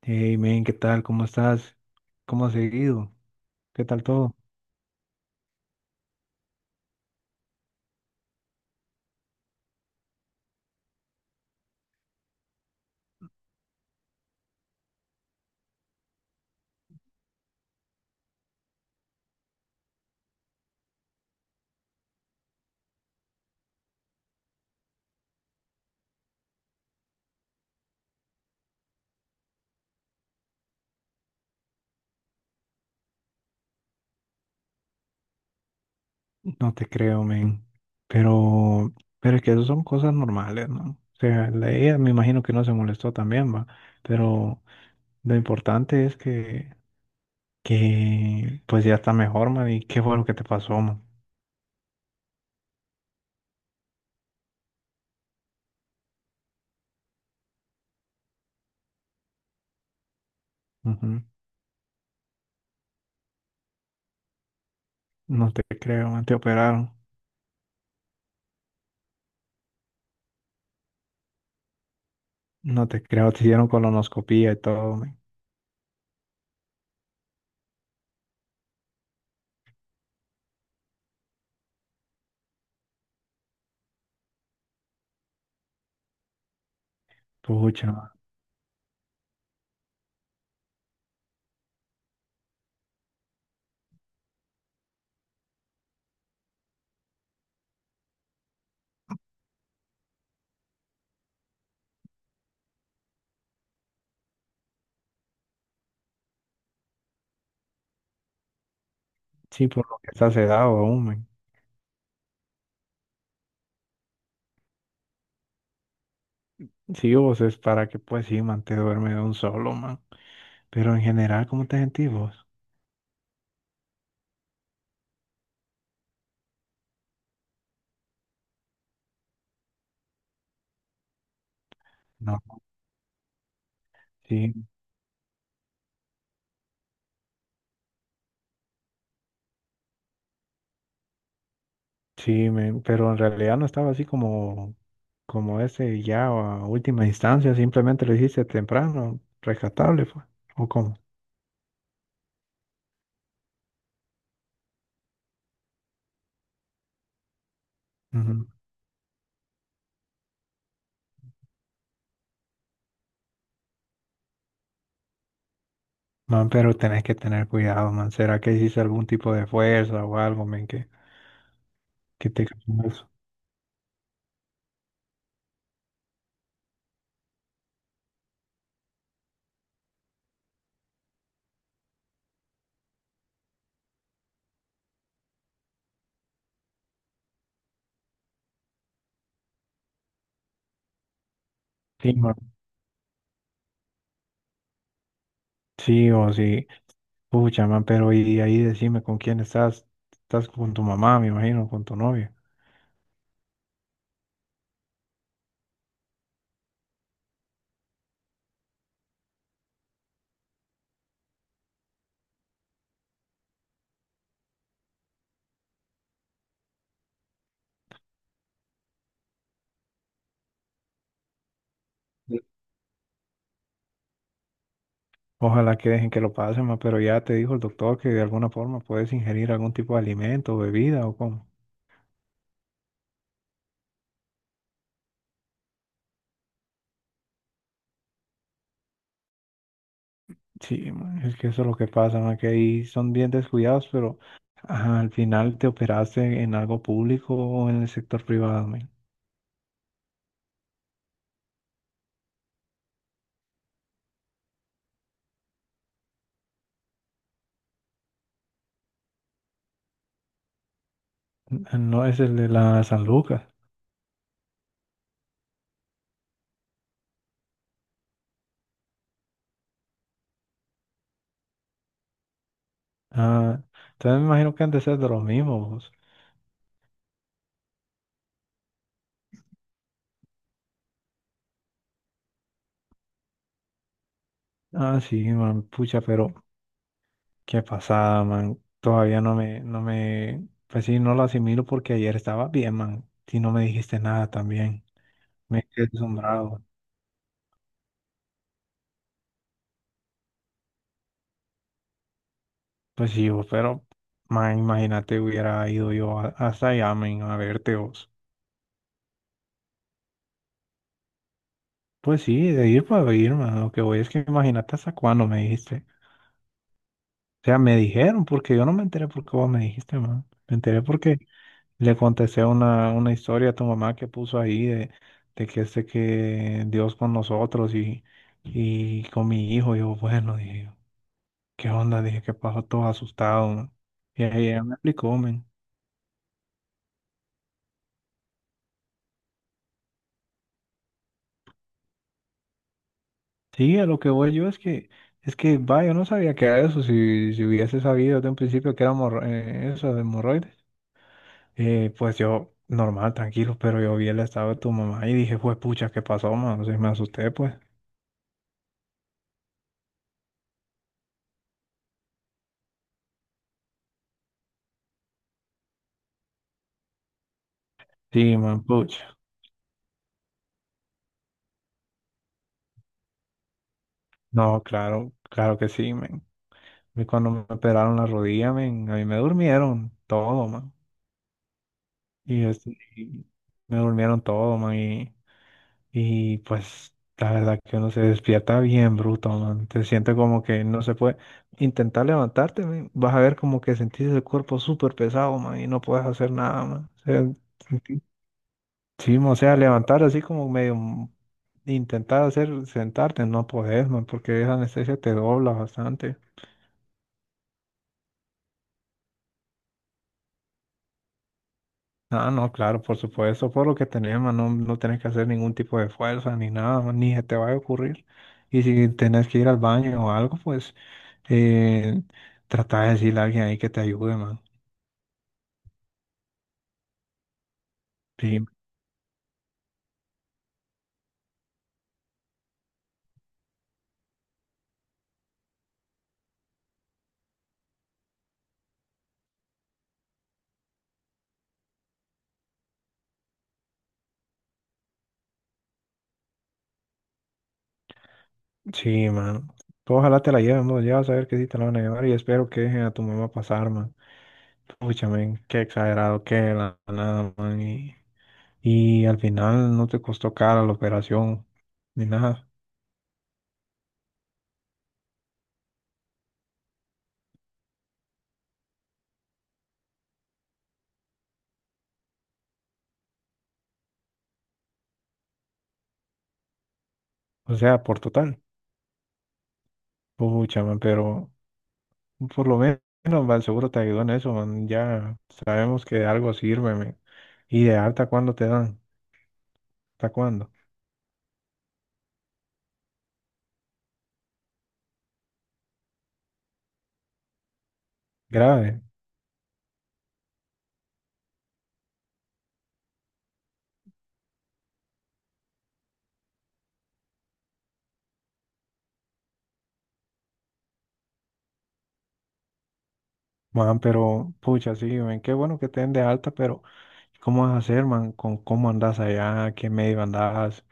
Hey, men, ¿qué tal? ¿Cómo estás? ¿Cómo has seguido? ¿Qué tal todo? No te creo, men. Pero, pero es que eso son cosas normales, ¿no? O sea, ella me imagino que no se molestó también, va. Pero lo importante es que pues ya está mejor, man. ¿Y qué fue lo que te pasó, man? Ujú. No te creo, man. Te operaron. No te creo. Te hicieron colonoscopía y todo, men. Pucha, man. Sí, por lo que estás sedado aún, men. Sí, vos es para que, pues sí, man, te duerme de un solo, man. Pero en general, ¿cómo te sentís vos? No, sí, sí, pero en realidad no estaba así como, como ese ya a última instancia, simplemente lo hiciste temprano, rescatable fue, ¿o cómo? Ujú. Man, pero tenés que tener cuidado, man. ¿Será que hiciste algún tipo de fuerza o algo, man, que te causó eso? Sí, man. Sí, o sí. Pucha, man, pero y ahí decime con quién estás. Estás con tu mamá, me imagino, con tu novia. Ojalá que dejen que lo pasen, ma, pero ya te dijo el doctor que de alguna forma puedes ingerir algún tipo de alimento o bebida o cómo. Sí, ma, es que eso es lo que pasa, ma, que ahí son bien descuidados, pero ajá, al final te operaste en algo público o en el sector privado, ma. No es el de la San Lucas. Ah, entonces me imagino que han de ser de los mismos. Ah, sí, man, pucha, pero qué pasada, man. Todavía no me, pues sí, no lo asimilo porque ayer estaba bien, man, y no me dijiste nada también. Me quedé asombrado. Pues sí, vos, pero ma, imagínate hubiera ido hasta allá, men, a verte vos. Pues sí, de ir para ir, man. Lo que voy es que imagínate hasta cuándo me dijiste. O sea, me dijeron, porque yo no me enteré porque vos me dijiste, man. Me enteré porque le contesté una historia a tu mamá que puso ahí de que este que Dios con nosotros y con mi hijo. Yo, bueno, dije, ¿qué onda? Dije, ¿qué pasó? Todo asustado, man. Y ella me explicó, men. Sí, a lo que voy yo es que, va, yo no sabía que era eso. Si hubiese sabido desde un principio que era eso de hemorroides, pues yo, normal, tranquilo, pero yo vi el estado de tu mamá y dije, pues, pucha, ¿qué pasó, man? O sea, me asusté, pues. Sí, man, pucha. No, claro, claro que sí, men. A mí cuando me operaron la rodilla, men, a mí me durmieron todo, man. Y, este, y me durmieron todo, man. Y pues la verdad que uno se despierta bien bruto, man. Te sientes como que no se puede intentar levantarte, man. Vas a ver como que sentís el cuerpo súper pesado, man, y no puedes hacer nada, man. O sea, sentí- sí, man, o sea, levantar así como intentar hacer sentarte, no podés, man, porque esa anestesia te dobla bastante. Ah, no, claro, por supuesto, por lo que tenés, man, no, no tenés que hacer ningún tipo de fuerza ni nada, man, ni se te va a ocurrir. Y si tenés que ir al baño o algo, pues Eh, trata de decirle a alguien ahí que te ayude, man. Sí, sí, man. Tú ojalá te la lleven, vos. Ya vas a ver que sí te la van a llevar y espero que dejen a tu mamá pasar, man. Pucha, men, qué exagerado que de la nada, man. Y al final no te costó cara la operación ni nada. O sea, por total. Pucha, man, pero por lo menos, man, seguro te ayudó en eso, man. Ya sabemos que de algo sirve, men. Y de alta, ¿cuándo te dan? ¿Hasta cuándo? Grave. Man, pero pucha, sí, ven, qué bueno que te den de alta, pero ¿cómo vas a hacer, man? ¿Con cómo andas allá? ¿Qué medio andas?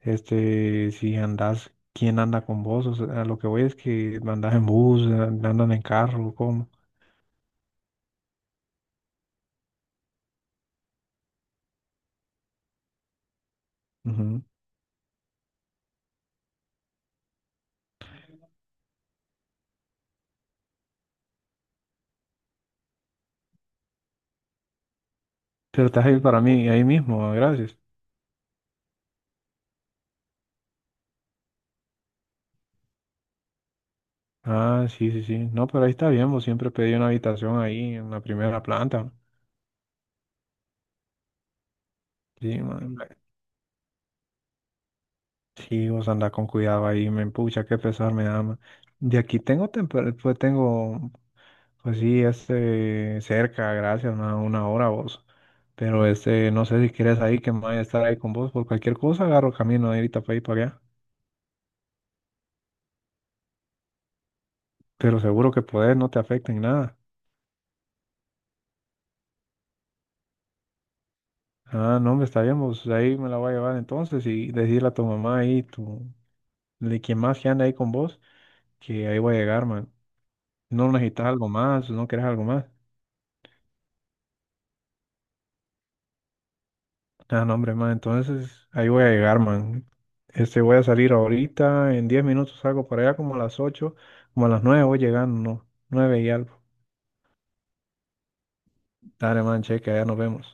Este, si andas, ¿quién anda con vos? O sea, lo que voy es que andas en bus, andan en carro, ¿cómo? Ujú. Pero te vas a ir para mí, ahí mismo, gracias. Ah, sí, sí, sí. No, pero ahí está bien, vos siempre pedí una habitación ahí en la primera planta. Sí, man. Sí, vos andás con cuidado ahí, me pucha, qué pesar me da, man. De aquí tengo, pues tengo. Pues sí, este, cerca, gracias, una hora vos. Pero este, no sé si quieres ahí, que me vaya a estar ahí con vos. Por cualquier cosa agarro camino de ahorita para ahí para allá. Pero seguro que podés, no te afecta en nada. Ah, no, me está bien, vos ahí me la voy a llevar entonces y decirle a tu mamá ahí, tu, de quien más que anda ahí con vos, que ahí voy a llegar, man. No necesitas algo más, no quieres algo más. Ah, no, hombre, man, entonces ahí voy a llegar, man. Este, voy a salir ahorita, en 10 minutos salgo para allá como a las 8, como a las 9 voy llegando, ¿no? 9 y algo. Dale, man, cheque, allá nos vemos.